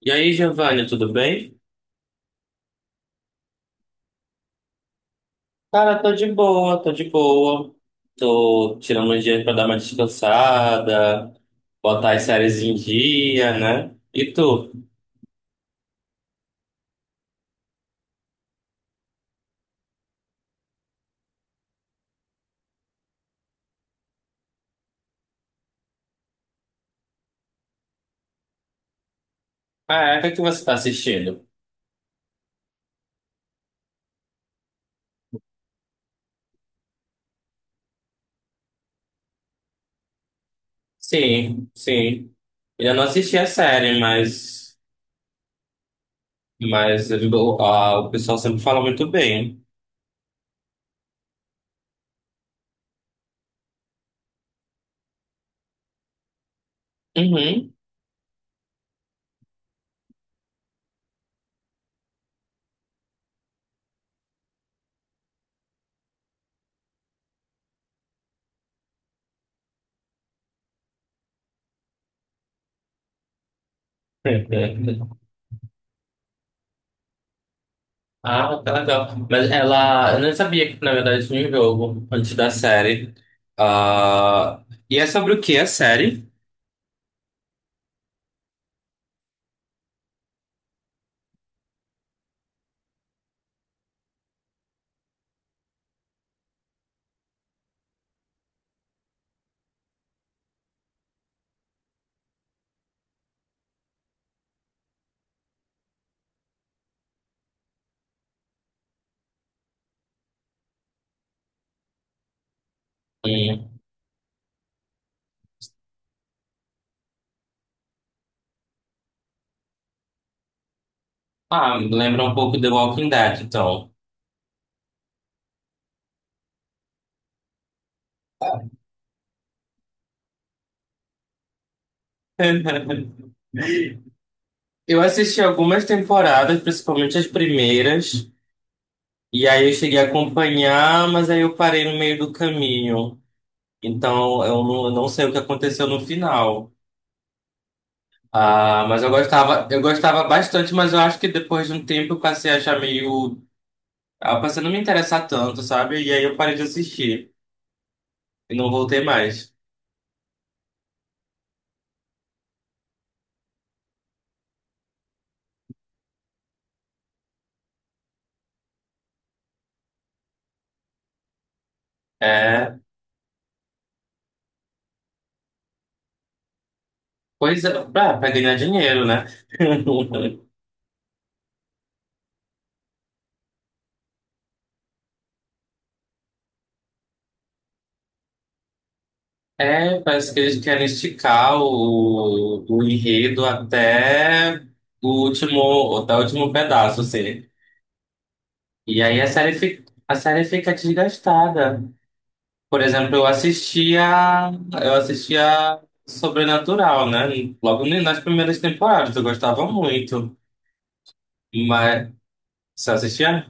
E aí, Giovanni, tudo bem? Cara, tô de boa, tô de boa. Tô tirando um dia pra dar uma descansada, botar as séries em dia, né? E tu? Ah, é, o que que você tá assistindo? Sim, sim. Eu não assisti a série, o pessoal sempre fala muito bem. Uhum. Ah, tá legal. Mas ela, eu não sabia que na verdade tinha um jogo antes da série. Ah, e é sobre o que a série? E, ah, lembra um pouco The Walking Dead, então. Eu assisti algumas temporadas, principalmente as primeiras, e aí eu cheguei a acompanhar, mas aí eu parei no meio do caminho. Então eu não sei o que aconteceu no final. Ah, mas eu gostava bastante, mas eu acho que depois de um tempo eu passei a achar meio. Ah, passei a não me interessar tanto, sabe? E aí eu parei de assistir e não voltei mais. É, pois é, pra ganhar dinheiro, né? É, parece que eles querem esticar o enredo até o último pedaço, assim. E aí a série fica desgastada. Por exemplo, eu assistia Sobrenatural, né? Logo nas primeiras temporadas, eu gostava muito. Mas você assistia?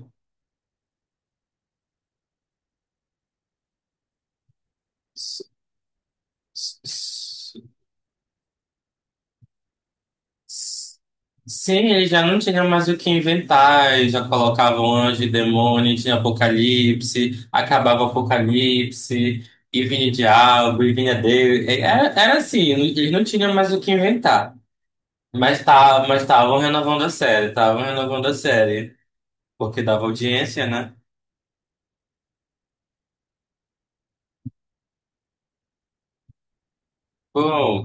S- Sim, eles já não tinham mais o que inventar, eles já colocavam anjo e demônio, tinha apocalipse, acabava o apocalipse, e vinha o diabo, e vinha Deus. Era, era assim, eles não tinham mais o que inventar. Mas tá, mas estavam renovando a série, estavam renovando a série, porque dava audiência, né? Pô,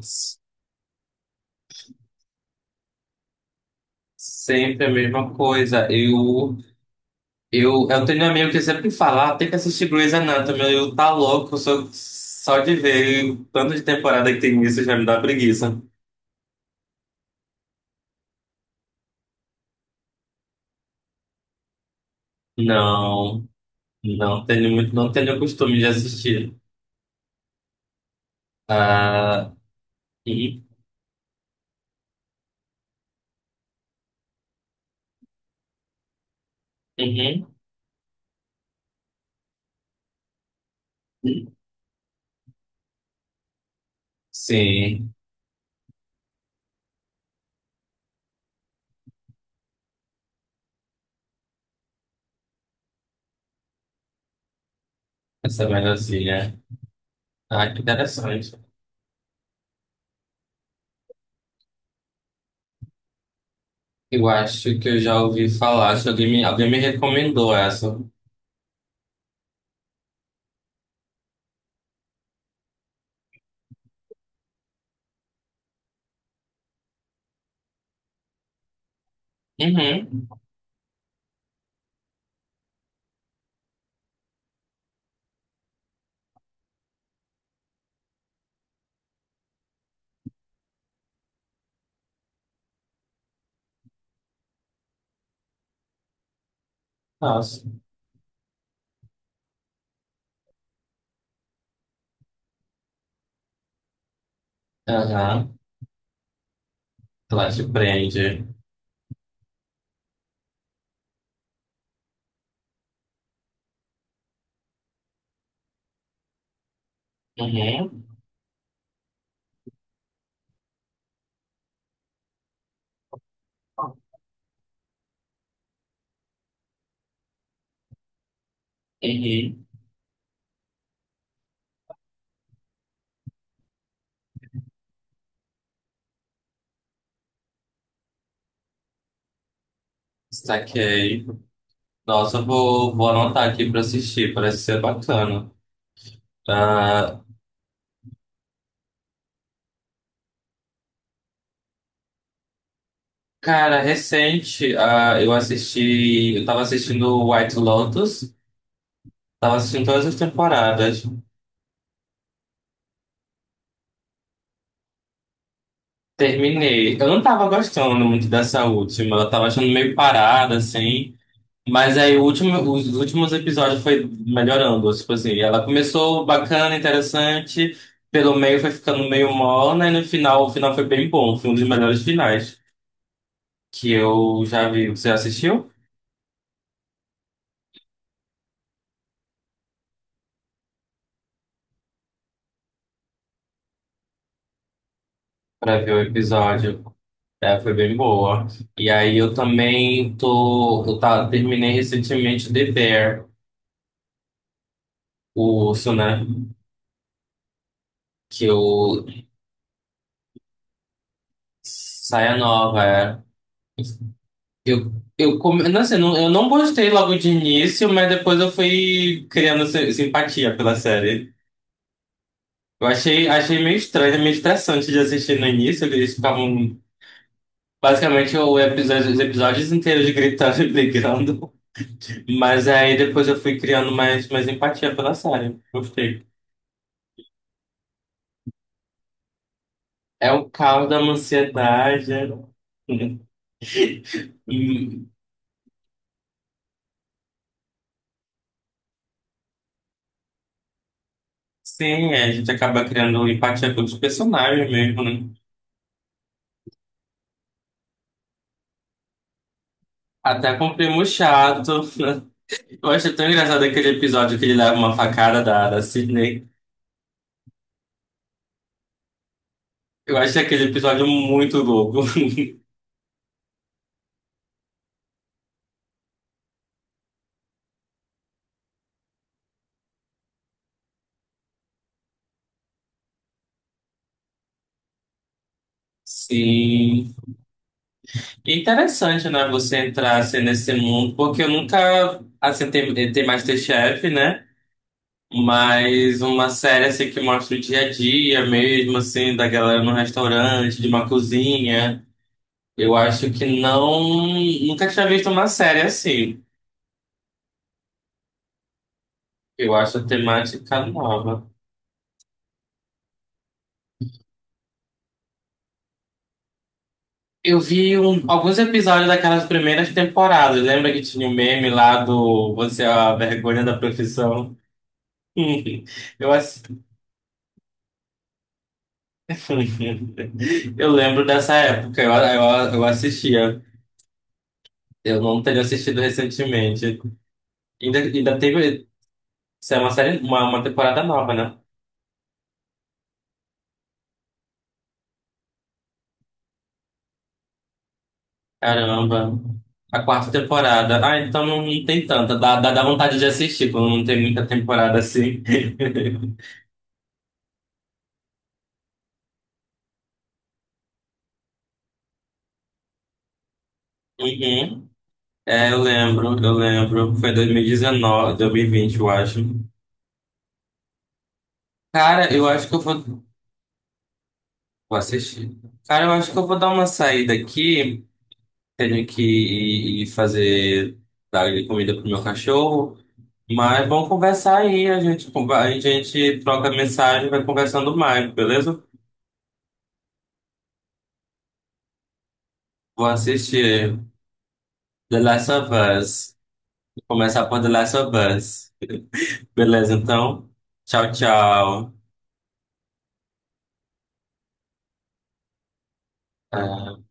sempre a mesma coisa. Eu tenho um amigo que sempre fala, "Ah, tem que assistir Grey's Anatomy." Eu tá louco, eu sou só de ver o tanto de temporada que tem isso já me dá preguiça. Não, não tenho o costume de assistir. Ah, uhum, uhum, sim, essa melhorzinha. Ah, que interessante. Eu acho que eu já ouvi falar, acho que alguém me recomendou essa. Uhum, nossa. Aham, ela te prende. Uhum, uhum, saquei. Nossa, vou anotar aqui pra assistir, parece ser bacana. Ah, cara, recente, ah, eu tava assistindo White Lotus, tava assistindo todas as temporadas, terminei. Eu não tava gostando muito dessa última, eu tava achando meio parada, assim, mas aí os últimos episódios foi melhorando, tipo assim, ela começou bacana, interessante, pelo meio foi ficando meio morna, e no final, o final foi bem bom, foi um dos melhores finais que eu já vi. Você assistiu? Pra ver o episódio. É, foi bem boa. E aí eu também tô, eu tá, terminei recentemente The Bear, o urso, né? Que eu saia nova, é. Não, assim, não, eu não gostei logo de início, mas depois eu fui criando simpatia pela série. Achei meio estranho, meio estressante de assistir no início, que eles ficavam basicamente os episódios inteiros gritando e brigando. Mas aí depois eu fui criando mais empatia pela Sarah. Gostei. É o caos da ansiedade. E, sim, é, a gente acaba criando empatia pelos personagens mesmo, né? Até com o primo chato. Eu acho tão engraçado aquele episódio que ele leva uma facada da Sydney. Eu acho aquele episódio muito louco. Sim. E interessante, né? Você entrar assim, nesse mundo, porque eu nunca assim, tem MasterChef, né? Mas uma série assim que mostra o dia a dia mesmo, assim, da galera no restaurante, de uma cozinha. Eu acho que não. Nunca tinha visto uma série assim. Eu acho a temática nova. Alguns episódios daquelas primeiras temporadas. Lembra que tinha o meme lá do "Você é a vergonha da profissão"? Eu, ass- eu lembro dessa época, eu assistia. Eu não teria assistido recentemente. Ainda, ainda teve. Isso é uma série, uma temporada nova, né? Caramba. A quarta temporada. Ah, então não, não tem tanta. Dá vontade de assistir quando não tem muita temporada assim. Uhum. É, eu lembro, eu lembro. Foi dois mil e dezenove, 2020 eu acho. Cara, eu acho que vou assistir. Cara, eu acho que eu vou dar uma saída aqui. Tenho que ir fazer, dar comida pro meu cachorro. Mas vamos conversar aí. A gente troca mensagem, vai conversando mais, beleza? Vou assistir The Last of Us. Vou começar por The Last of Us. Beleza, então. Tchau, tchau. Ah.